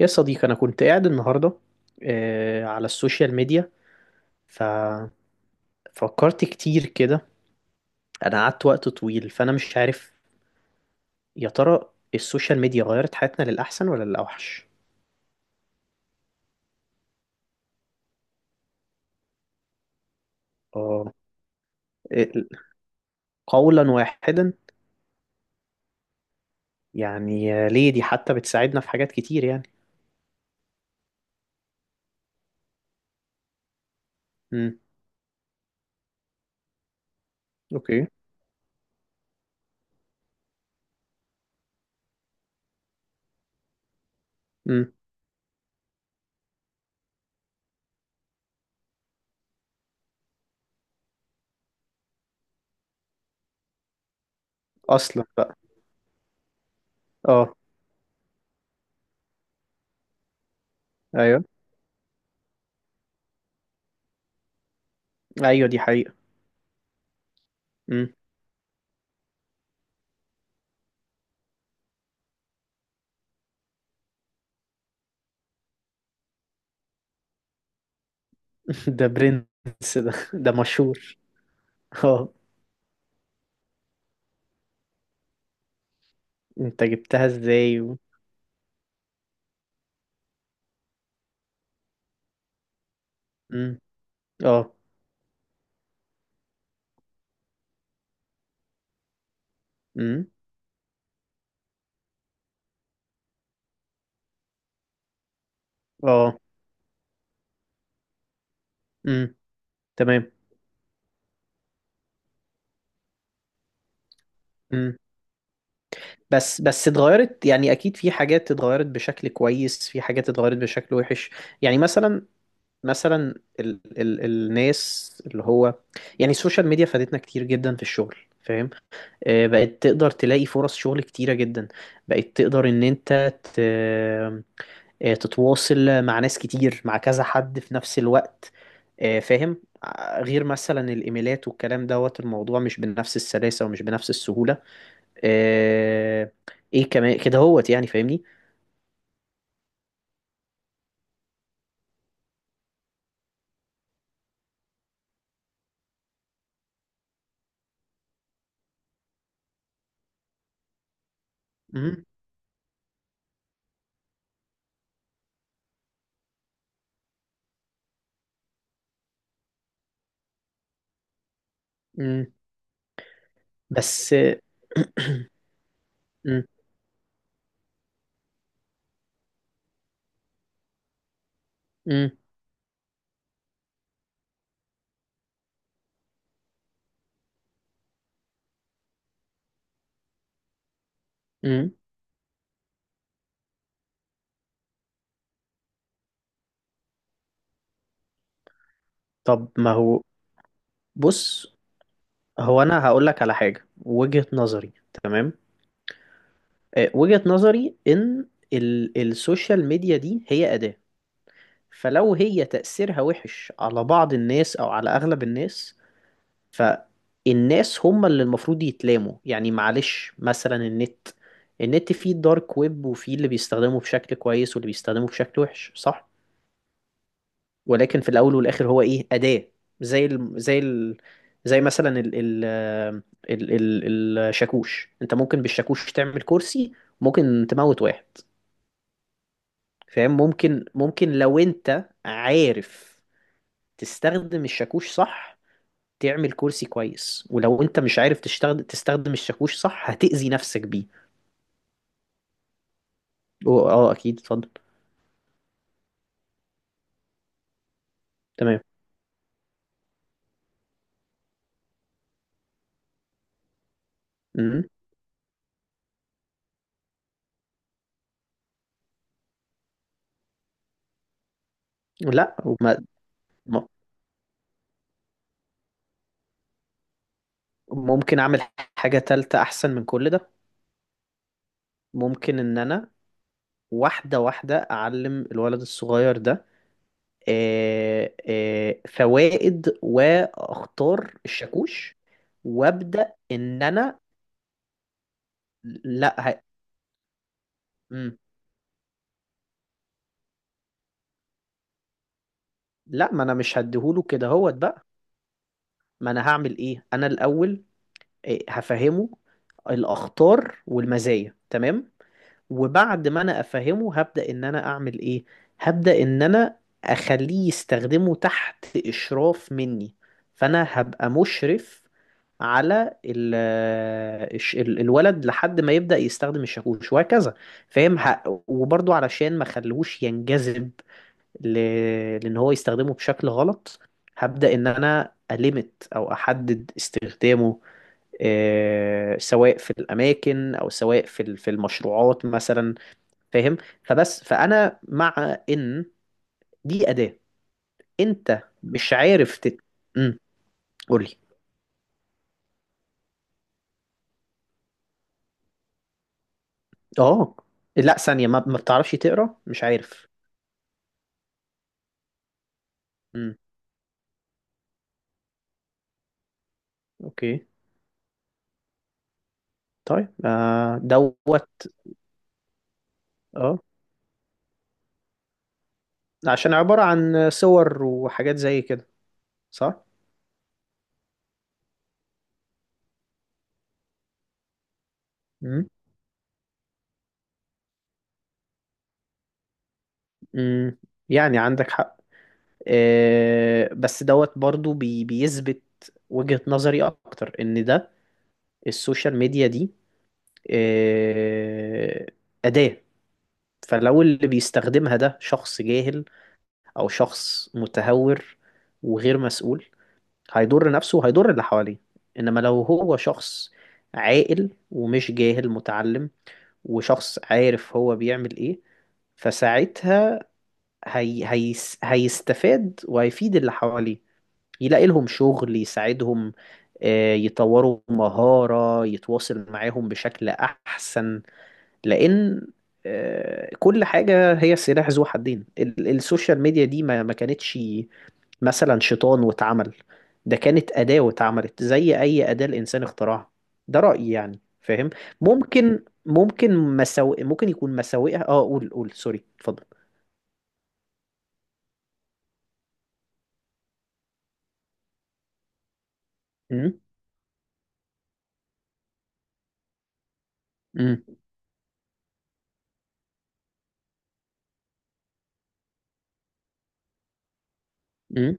يا صديقي أنا كنت قاعد النهاردة على السوشيال ميديا، ففكرت كتير كده. أنا قعدت وقت طويل، فأنا مش عارف يا ترى السوشيال ميديا غيرت حياتنا للأحسن ولا للأوحش؟ آه. ال- قولا واحدا. يعني ليه؟ دي حتى بتساعدنا في حاجات كتير يعني. امم. أوكي. امم. أصلا بقى. آه. أيوه. أيوه دي حقيقة. امم. ده برنس، ده مشهور. آه. أنت جبتها إزاي؟ امم. آه. امم. اه. امم. تمام. امم. بس اتغيرت، يعني اكيد في حاجات اتغيرت بشكل كويس، في حاجات اتغيرت بشكل وحش. يعني مثلا، مثلا ال ال الناس اللي هو، يعني السوشيال ميديا فادتنا كتير جدا في الشغل، فاهم؟ بقت تقدر تلاقي فرص شغل كتيرة جدا، بقت تقدر ان انت تتواصل مع ناس كتير، مع كذا حد في نفس الوقت، فاهم؟ غير مثلا الايميلات والكلام دوت، الموضوع مش بنفس السلاسة ومش بنفس السهولة. آه، ايه كمان كده هوت، يعني فاهمني؟ مم. مم. بس مم. مم. مم. طب ما هو. بص، هو انا هقول لك على حاجه، وجهه نظري. تمام. وجهه نظري ان ال السوشيال ميديا دي هي اداه، فلو هي تاثيرها وحش على بعض الناس او على اغلب الناس، فالناس هم اللي المفروض يتلاموا. يعني معلش مثلا النت، النت فيه الدارك ويب، وفيه اللي بيستخدمه بشكل كويس واللي بيستخدمه بشكل وحش، صح؟ ولكن في الاول والاخر هو ايه؟ أداة. زي ال زي ال زي مثلا ال ال ال ال الشاكوش. انت ممكن بالشاكوش تعمل كرسي، ممكن تموت واحد، فاهم؟ ممكن، ممكن لو انت عارف تستخدم الشاكوش صح، تعمل كرسي كويس، ولو انت مش عارف تشتغل تستخدم الشاكوش صح، هتأذي نفسك بيه. اه اكيد، اتفضل. تمام. مم. لا وما. م- ممكن اعمل حاجة تالتة احسن من كل ده. ممكن ان انا واحدة واحدة اعلم الولد الصغير ده فوائد واخطار الشاكوش، وابدأ ان انا. لا. مم. لا، ما انا مش هديهوله كده هوت بقى. ما انا هعمل ايه انا الاول؟ إيه، هفهمه الاخطار والمزايا، تمام. وبعد ما انا افهمه هبدأ ان انا اعمل ايه؟ هبدأ ان انا اخليه يستخدمه تحت اشراف مني. فانا هبقى مشرف على الولد لحد ما يبدأ يستخدم الشاكوش، وهكذا، فاهم؟ وبرضو علشان ما خلوش ينجذب ل... لان هو يستخدمه بشكل غلط، هبدأ ان انا أليمت او احدد استخدامه، سواء في الاماكن او سواء في المشروعات مثلا، فاهم؟ فبس فانا مع ان دي اداه. انت مش عارف امم. قول لي. اه. لا ثانيه، ما بتعرفش تقرا، مش عارف. امم. اوكي. طيب آه دوت. اه، عشان عباره عن صور وحاجات زي كده، صح؟ امم. امم. يعني عندك حق. آه بس دوت برضو بيثبت وجهة نظري اكتر ان ده السوشيال ميديا دي آه، أداة. فلو اللي بيستخدمها ده شخص جاهل، أو شخص متهور وغير مسؤول، هيضر نفسه وهيضر اللي حواليه. إنما لو هو شخص عاقل ومش جاهل، متعلم، وشخص عارف هو بيعمل إيه، فساعتها هي هيستفاد وهيفيد اللي حواليه، يلاقي لهم شغل، يساعدهم، يطوروا مهارة، يتواصل معاهم بشكل أحسن. لان كل حاجة هي سلاح ذو حدين. السوشيال ميديا دي ما كانتش مثلا شيطان واتعمل. ده كانت أداة واتعملت زي أي أداة الإنسان اخترعها. ده رأيي، يعني فاهم؟ ممكن مساوئ، ممكن يكون مساوئها. اه، قول سوري. اتفضل. امم. امم. امم.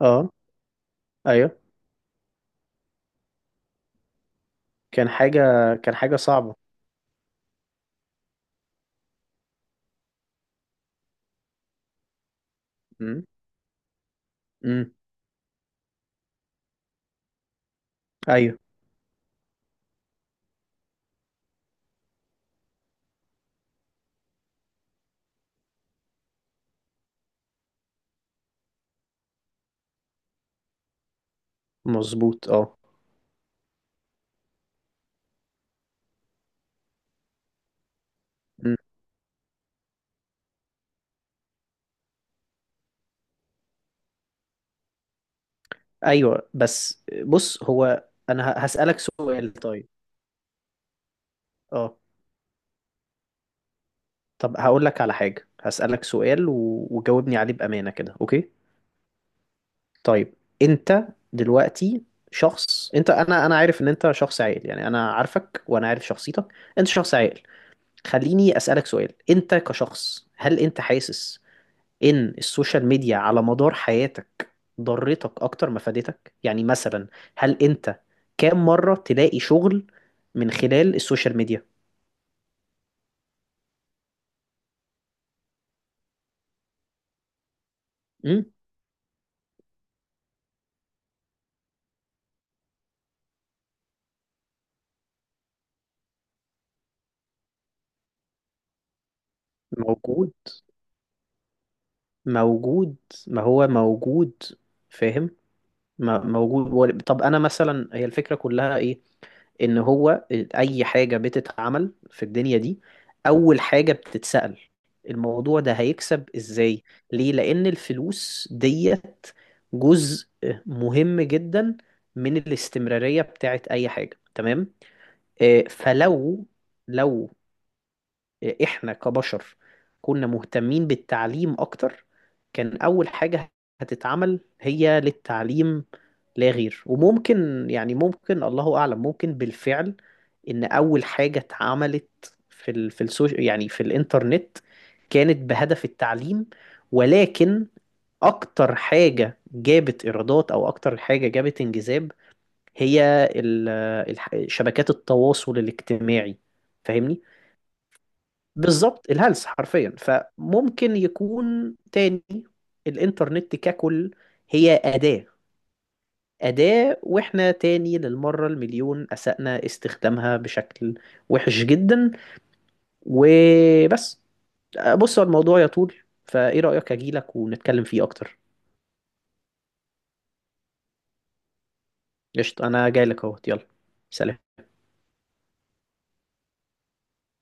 اه. ايوه. كان حاجة، كان حاجة صعبة. امم. امم. ايوه مظبوط، اه. مم. ايوه، بس بص هو انا هسألك سؤال، طيب اه. طب هقول لك على حاجة، هسألك سؤال، وجاوبني عليه بأمانة كده، اوكي؟ طيب. انت دلوقتي شخص. انت انا عارف ان انت شخص عاقل، يعني انا عارفك وانا عارف شخصيتك. انت شخص عاقل. خليني أسألك سؤال. انت كشخص، هل انت حاسس ان السوشيال ميديا على مدار حياتك ضرتك اكتر ما فادتك؟ يعني مثلا، هل انت كام مرة تلاقي شغل من خلال السوشيال ميديا؟ امم. موجود. موجود. ما هو موجود، فاهم؟ موجود. طب انا مثلا، هي الفكرة كلها ايه؟ ان هو اي حاجة بتتعمل في الدنيا دي، اول حاجة بتتسأل الموضوع ده هيكسب ازاي. ليه؟ لان الفلوس ديت جزء مهم جدا من الاستمرارية بتاعت اي حاجة، تمام؟ فلو لو احنا كبشر كنا مهتمين بالتعليم اكتر، كان اول حاجة هتتعمل هي للتعليم لا غير. وممكن يعني، ممكن الله اعلم، ممكن بالفعل ان اول حاجة اتعملت في السوش يعني في الانترنت، كانت بهدف التعليم. ولكن اكتر حاجة جابت ايرادات، او اكتر حاجة جابت انجذاب، هي شبكات التواصل الاجتماعي، فاهمني؟ بالظبط، الهلس حرفيا. فممكن يكون تاني الانترنت ككل هي أداة. أداة، وإحنا تاني للمرة المليون أسأنا استخدامها بشكل وحش جدا، وبس. بص هو الموضوع يطول، فإيه رأيك أجيلك ونتكلم فيه أكتر؟ قشطة، أنا جايلك أهوت، يلا، سلام.